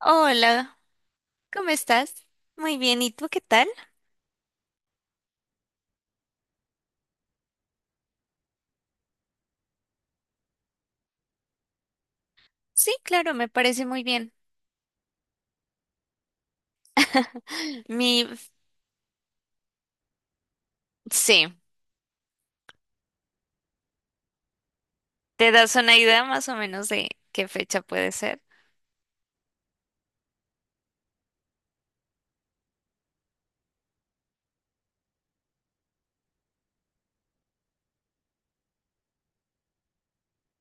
Hola, ¿cómo estás? Muy bien, ¿y tú qué tal? Sí, claro, me parece muy bien. Mi, sí, ¿te das una idea más o menos de qué fecha puede ser?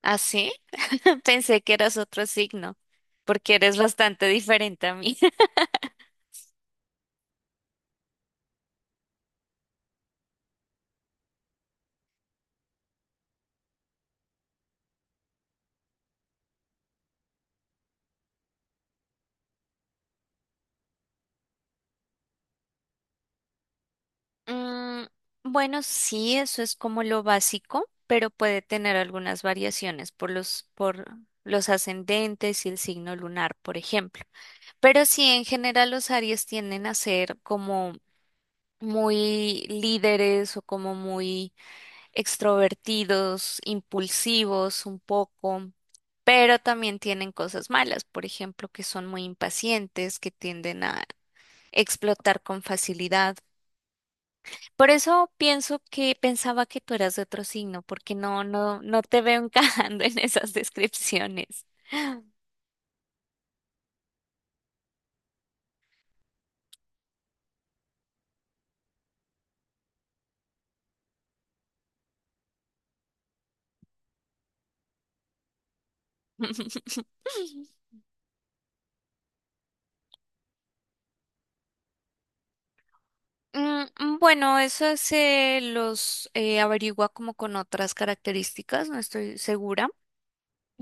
¿Ah, sí? Pensé que eras otro signo, porque eres bastante diferente a mí. Mm, bueno, sí, eso es como lo básico, pero puede tener algunas variaciones por los ascendentes y el signo lunar, por ejemplo. Pero sí, en general los Aries tienden a ser como muy líderes o como muy extrovertidos, impulsivos un poco, pero también tienen cosas malas, por ejemplo, que son muy impacientes, que tienden a explotar con facilidad. Por eso pienso que pensaba que tú eras de otro signo, porque no te veo encajando en esas descripciones. Bueno, eso se los averigua como con otras características, no estoy segura.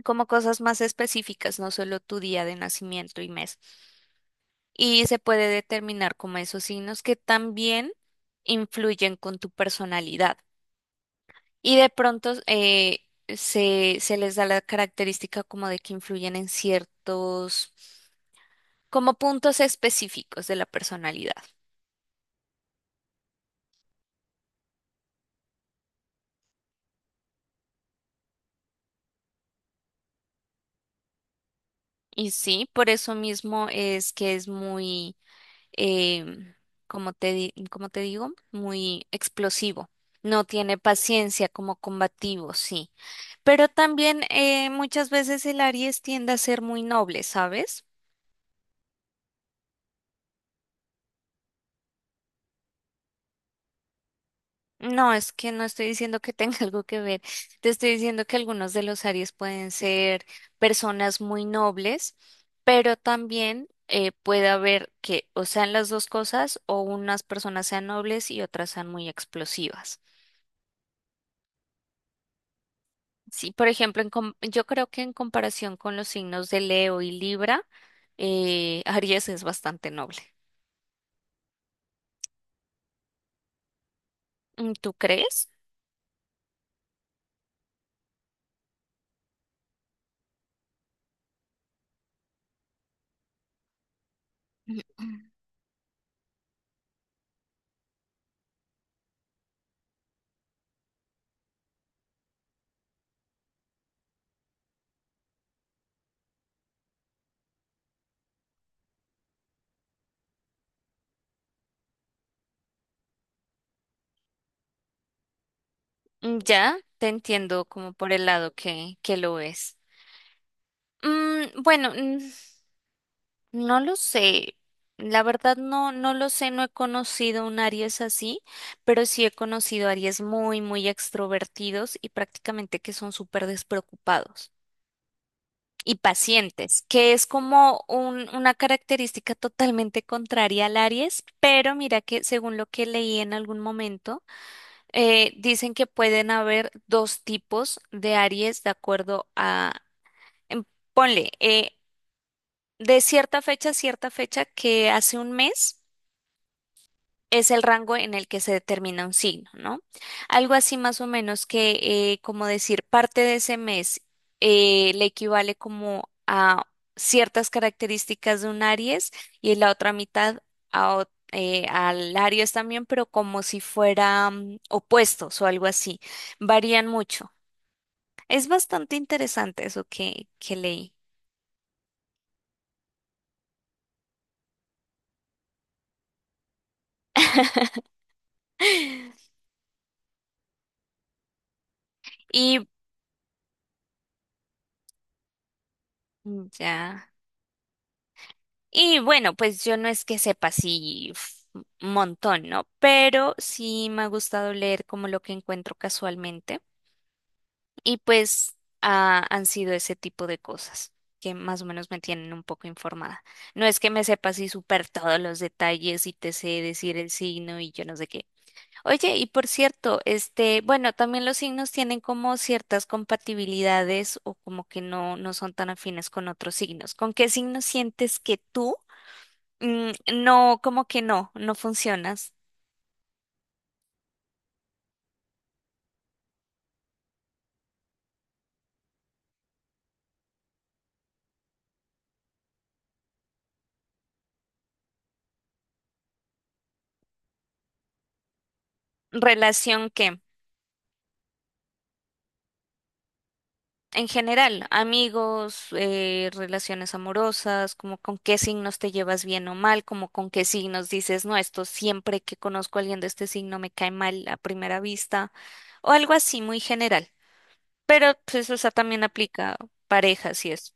Como cosas más específicas, no solo tu día de nacimiento y mes. Y se puede determinar como esos signos que también influyen con tu personalidad. Y de pronto se les da la característica como de que influyen en ciertos, como puntos específicos de la personalidad. Y sí, por eso mismo es que es muy eh, como como te digo, muy explosivo. No tiene paciencia como combativo, sí. Pero también muchas veces el Aries tiende a ser muy noble, ¿sabes? No, es que no estoy diciendo que tenga algo que ver. Te estoy diciendo que algunos de los Aries pueden ser personas muy nobles, pero también puede haber que o sean las dos cosas o unas personas sean nobles y otras sean muy explosivas. Sí, por ejemplo, yo creo que en comparación con los signos de Leo y Libra, Aries es bastante noble. Mm, ¿tú crees? Mm, mm. Ya te entiendo como por el lado que lo es. Bueno, no lo sé. La verdad no, no lo sé, no he conocido un Aries así, pero sí he conocido Aries muy, muy extrovertidos y prácticamente que son súper despreocupados y pacientes, que es como una característica totalmente contraria al Aries, pero mira que según lo que leí en algún momento, dicen que pueden haber dos tipos de Aries de acuerdo a, em, ponle, de cierta fecha a cierta fecha que hace un mes es el rango en el que se determina un signo, ¿no? Algo así más o menos que, como decir, parte de ese mes le equivale como a ciertas características de un Aries y la otra mitad a, al Aries también, pero como si fueran opuestos o algo así. Varían mucho. Es bastante interesante eso que leí. Y mm, ya. Y bueno, pues yo no es que sepa así uf, un montón, ¿no? Pero sí me ha gustado leer como lo que encuentro casualmente. Y pues ah, han sido ese tipo de cosas que más o menos me tienen un poco informada. No es que me sepa así súper todos los detalles y te sé decir el signo y yo no sé qué. Oye, y por cierto, este, bueno, también los signos tienen como ciertas compatibilidades o como que no, no son tan afines con otros signos. ¿Con qué signo sientes que tú? Mm, no, como que no, no funcionas. ¿Relación qué? En general, amigos, relaciones amorosas, como con qué signos te llevas bien o mal, como con qué signos dices, no, esto siempre que conozco a alguien de este signo me cae mal a primera vista, o algo así muy general. Pero pues, o sea, también aplica parejas y eso.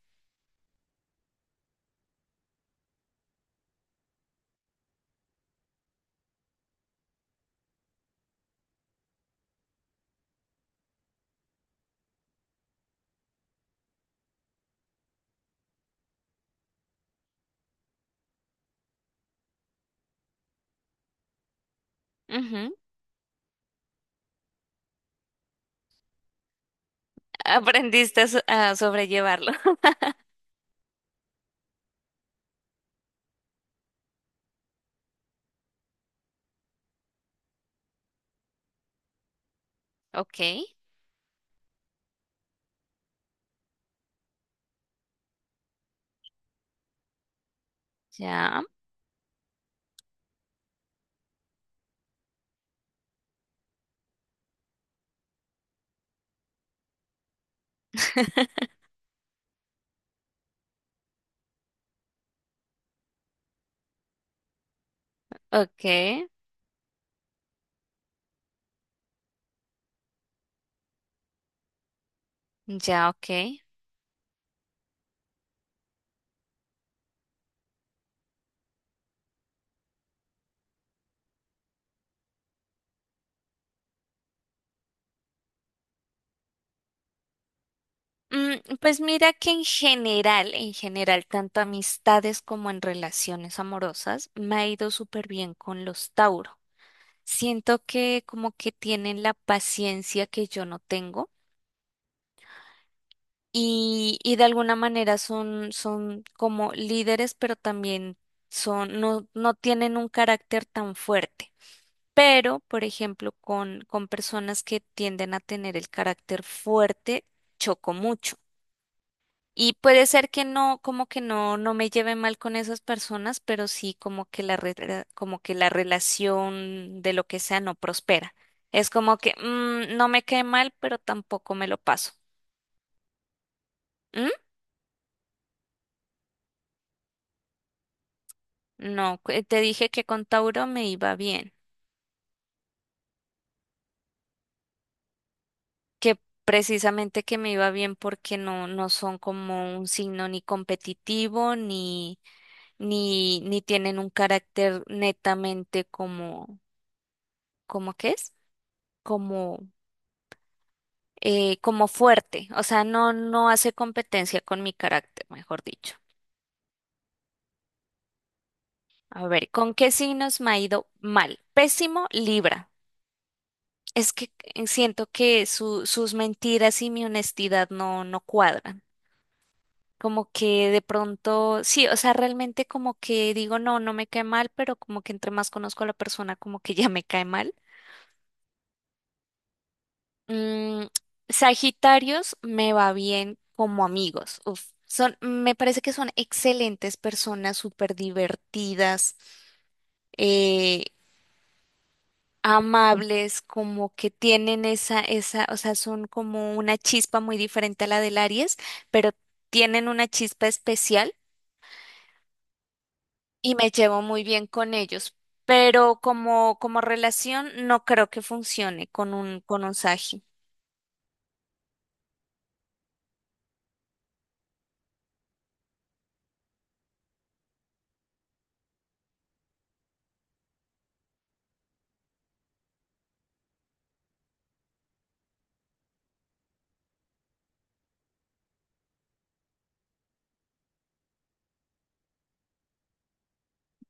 Ujú. Aprendiste a, a sobrellevarlo. Ok, ya, ok, ya, ok. Pues mira que en general, tanto amistades como en relaciones amorosas, me ha ido súper bien con los Tauro. Siento que como que tienen la paciencia que yo no tengo y de alguna manera son, son como líderes, pero también son, no, no tienen un carácter tan fuerte. Pero, por ejemplo, con personas que tienden a tener el carácter fuerte, choco mucho. Y puede ser que no, como que no, no me lleve mal con esas personas, pero sí como que como que la relación de lo que sea no prospera. Es como que mm, no me cae mal, pero tampoco me lo paso. ¿Mm? No, te dije que con Tauro me iba bien, que precisamente que me iba bien porque no, no son como un signo ni competitivo, ni tienen un carácter netamente como, ¿cómo que es? Como fuerte, o sea, no, no hace competencia con mi carácter, mejor dicho. A ver, ¿con qué signos me ha ido mal? Pésimo, Libra. Es que siento que sus mentiras y mi honestidad no, no cuadran. Como que de pronto, sí, o sea, realmente como que digo, no, no me cae mal, pero como que entre más conozco a la persona, como que ya me cae mal. Mm, Sagitarios me va bien como amigos. Uf, son, me parece que son excelentes personas, súper divertidas, eh, amables, como que tienen esa, esa, o sea, son como una chispa muy diferente a la del Aries, pero tienen una chispa especial y me llevo muy bien con ellos. Pero como, como relación no creo que funcione con con un Sagi.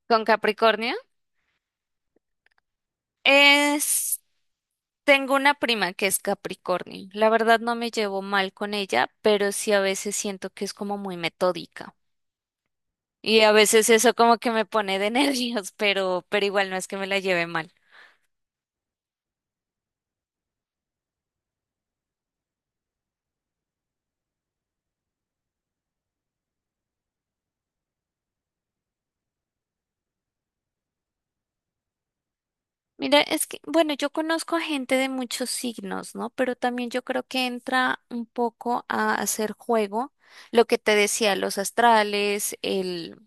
¿Con Capricornio? Es tengo una prima que es Capricornio. La verdad no me llevo mal con ella, pero sí a veces siento que es como muy metódica. Y a veces eso como que me pone de nervios, pero igual no es que me la lleve mal. Mira, es que, bueno, yo conozco a gente de muchos signos, ¿no? Pero también yo creo que entra un poco a hacer juego lo que te decía, los astrales, el,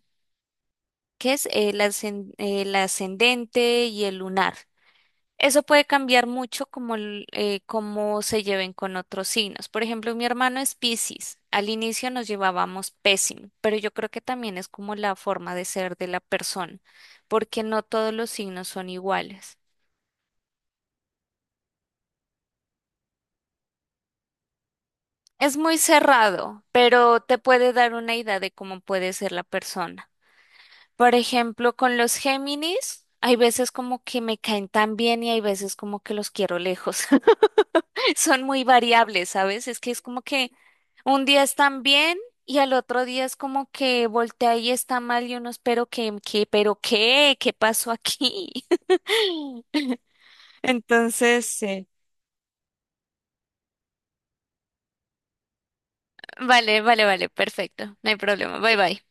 ¿qué es? El, el ascendente y el lunar. Eso puede cambiar mucho como cómo se lleven con otros signos. Por ejemplo, mi hermano es Piscis. Al inicio nos llevábamos pésimo, pero yo creo que también es como la forma de ser de la persona, porque no todos los signos son iguales. Es muy cerrado, pero te puede dar una idea de cómo puede ser la persona. Por ejemplo, con los Géminis, hay veces como que me caen tan bien y hay veces como que los quiero lejos. Son muy variables, ¿sabes? Es que es como que un día están bien y al otro día es como que voltea y está mal y uno espero que, pero qué, ¿qué pasó aquí? Entonces, sí. Vale, vale, vale, perfecto, no hay problema, bye bye.